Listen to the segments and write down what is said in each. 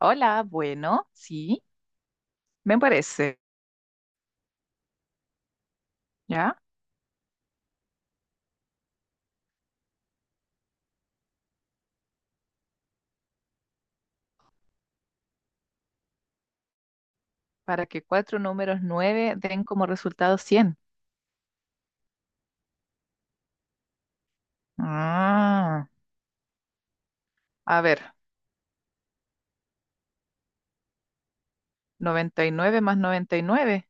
Hola, bueno, sí, me parece, ¿ya? Para que cuatro números nueve den como resultado 100. Ah, a ver, 99 más 99,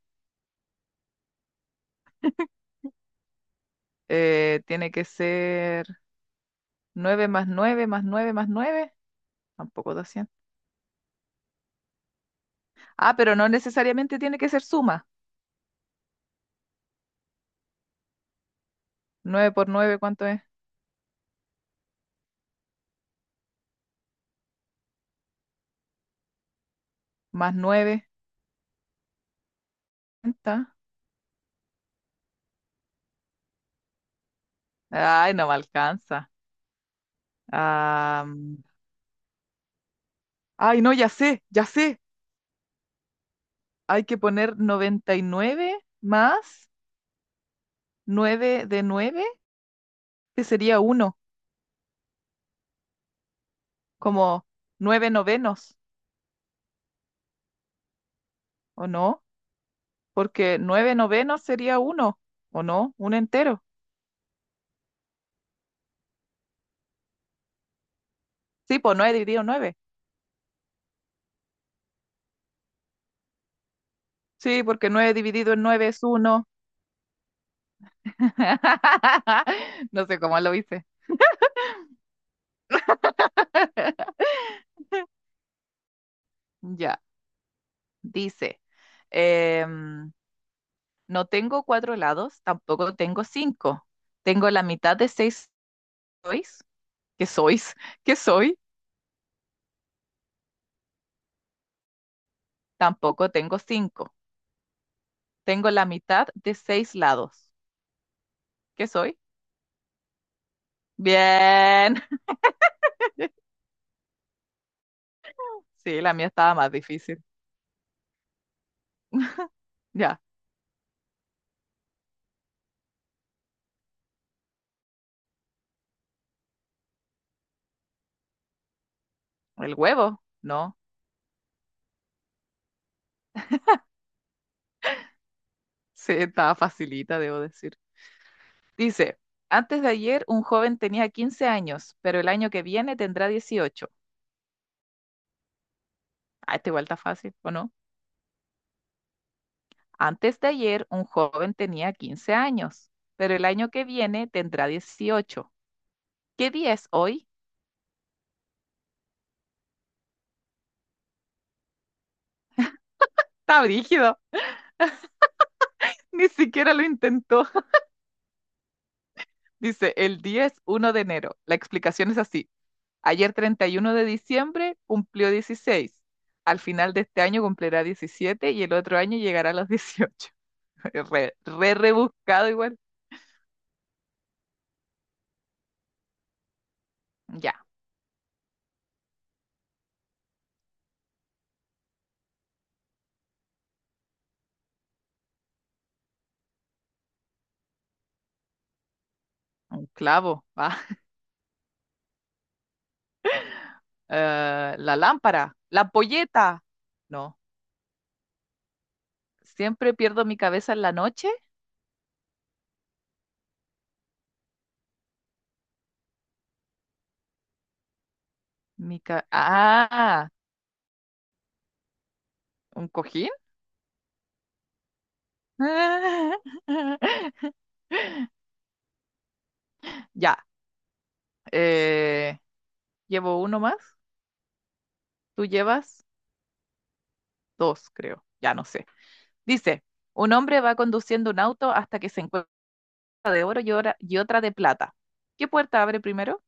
tiene que ser 9 más 9 más 9 más 9, tampoco 200. Ah, pero no necesariamente tiene que ser suma. 9 por nueve, ¿cuánto es? Más 9. ¿Cuánta? Ay, no me alcanza. Ah, ay, no, ya sé, ya sé. Hay que poner 99 más nueve de nueve, que sería uno, como nueve novenos, ¿o no? Porque nueve novenos sería uno, ¿o no? Un entero. Sí, pues nueve dividido en nueve. Sí, porque nueve dividido en nueve es uno. No sé cómo lo hice. Ya, dice, em, no tengo cuatro lados, tampoco tengo cinco. Tengo la mitad de seis sois, sois, que soy, tampoco tengo cinco. Tengo la mitad de seis lados. Que soy? Bien. Sí, la mía estaba más difícil. Ya, el huevo, ¿no? Sí, estaba facilita, debo decir. Dice, antes de ayer un joven tenía 15 años, pero el año que viene tendrá 18. Ah, esta igual está fácil, ¿o no? Antes de ayer un joven tenía 15 años, pero el año que viene tendrá 18. ¿Qué día es hoy? Está brígido. Ni siquiera lo intentó. Dice, el día es 1 de enero. La explicación es así. Ayer 31 de diciembre cumplió 16. Al final de este año cumplirá 17 y el otro año llegará a los 18. Re, re rebuscado igual. Ya, un clavo. Va. La lámpara, la ampolleta. No, siempre pierdo mi cabeza en la noche. Ah, un cojín. Ya, eh, llevo uno más. Tú llevas dos, creo. Ya no sé. Dice, un hombre va conduciendo un auto hasta que se encuentra de oro y otra de plata. ¿Qué puerta abre primero?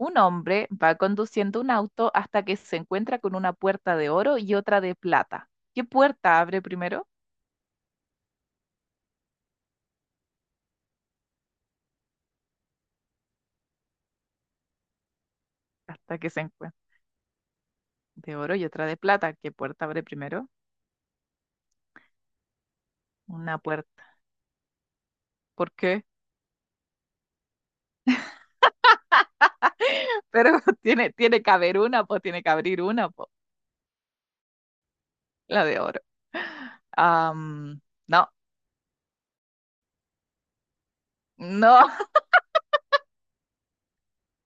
Un hombre va conduciendo un auto hasta que se encuentra con una puerta de oro y otra de plata. ¿Qué puerta abre primero? Hasta que se encuentra de oro y otra de plata. ¿Qué puerta abre primero? Una puerta. ¿Por qué? Pero tiene que haber una, pues tiene que abrir una, pues la de oro. Am, no, no,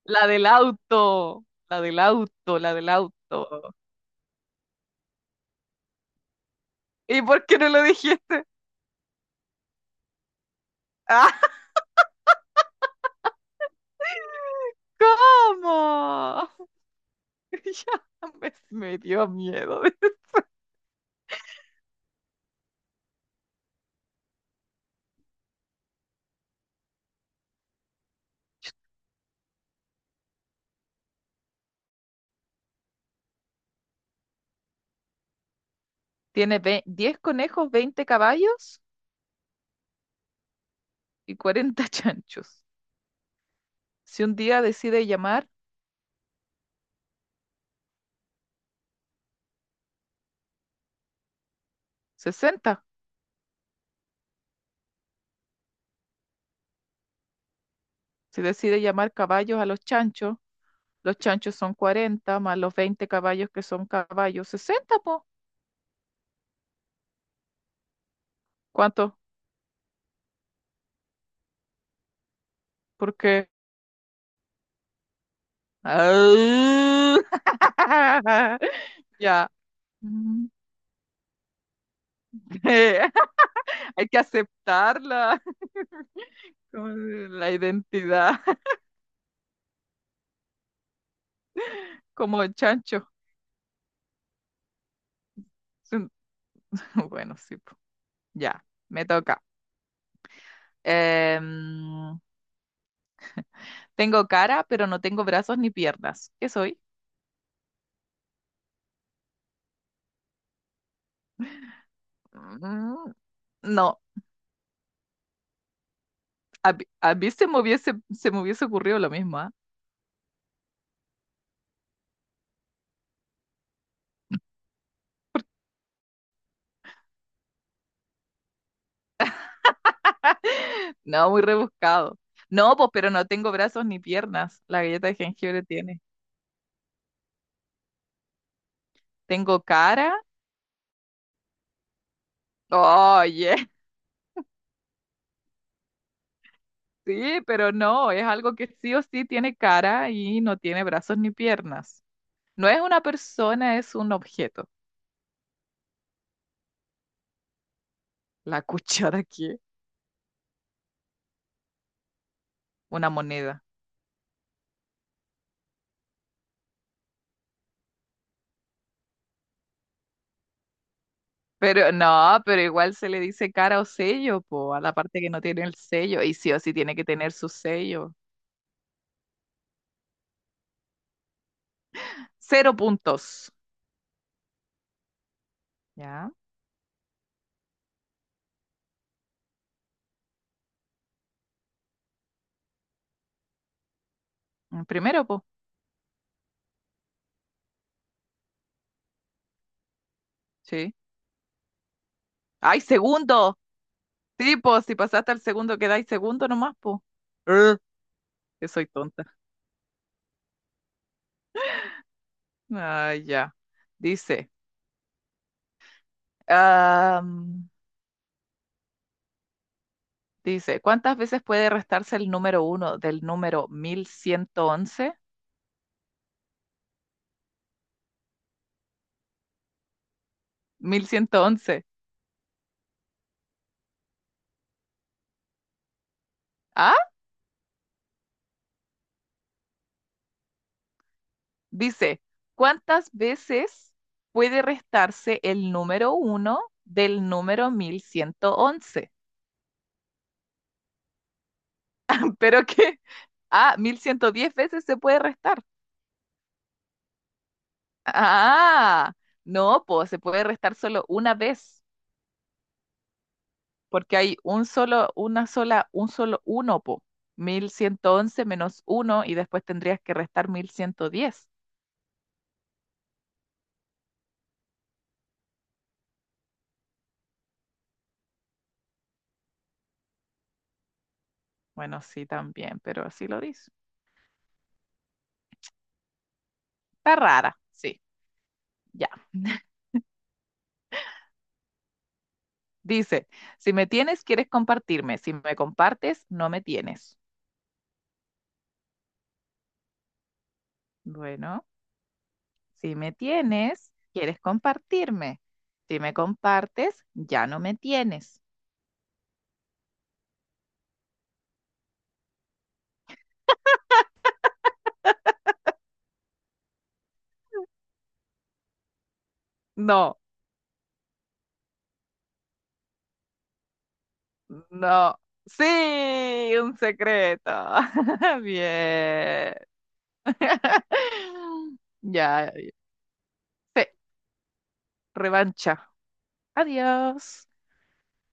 la del auto, la del auto, la del auto. ¿Y por qué no lo dijiste? ¡Ah! ¿Cómo? Ya me dio miedo. Tiene 10 conejos, 20 caballos y 40 chanchos. Si un día decide llamar 60, si decide llamar caballos a los chanchos son 40 más los 20 caballos que son caballos, 60 po. ¿Cuánto? Porque ya. Mm. Hay que aceptarla como la identidad como el chancho. Bueno, sí, po. Ya, me toca. Em, tengo cara, pero no tengo brazos ni piernas. ¿Qué soy? Mm, no, mí a mí se me hubiese ocurrido lo mismo, ¿ah? No, muy rebuscado. No, pues, pero no tengo brazos ni piernas. La galleta de jengibre tiene. Tengo cara. Oye, sí, pero no, es algo que sí o sí tiene cara y no tiene brazos ni piernas. No es una persona, es un objeto. La cuchara aquí, una moneda. Pero no, pero igual se le dice cara o sello, po, a la parte que no tiene el sello. Y sí o sí tiene que tener su sello. Cero puntos. ¿Ya? Mm, primero, po. Sí. ¡Ay, segundo! Sí, po, si pasaste al segundo, quedáis segundo nomás, po. Eh, que soy tonta. Ah, ya. Dice. am, dice, ¿cuántas veces puede restarse el número uno del número 1111? 1111. Dice, ¿cuántas veces puede restarse el número uno del número 1111. ¿Pero qué? Ah, 1110 veces se puede restar. Ah, no, pues se puede restar solo una vez, porque hay un solo, una sola, un solo uno, po. 1111 menos uno y después tendrías que restar 1110. Bueno, sí, también, pero así lo dice. Está rara, sí, ya. Dice, si me tienes, quieres compartirme. Si me compartes, no me tienes. Bueno, si me tienes, quieres compartirme. Si me compartes, ya no me tienes. No, no. Sí, un secreto. Bien. Ya, sí, revancha. Adiós.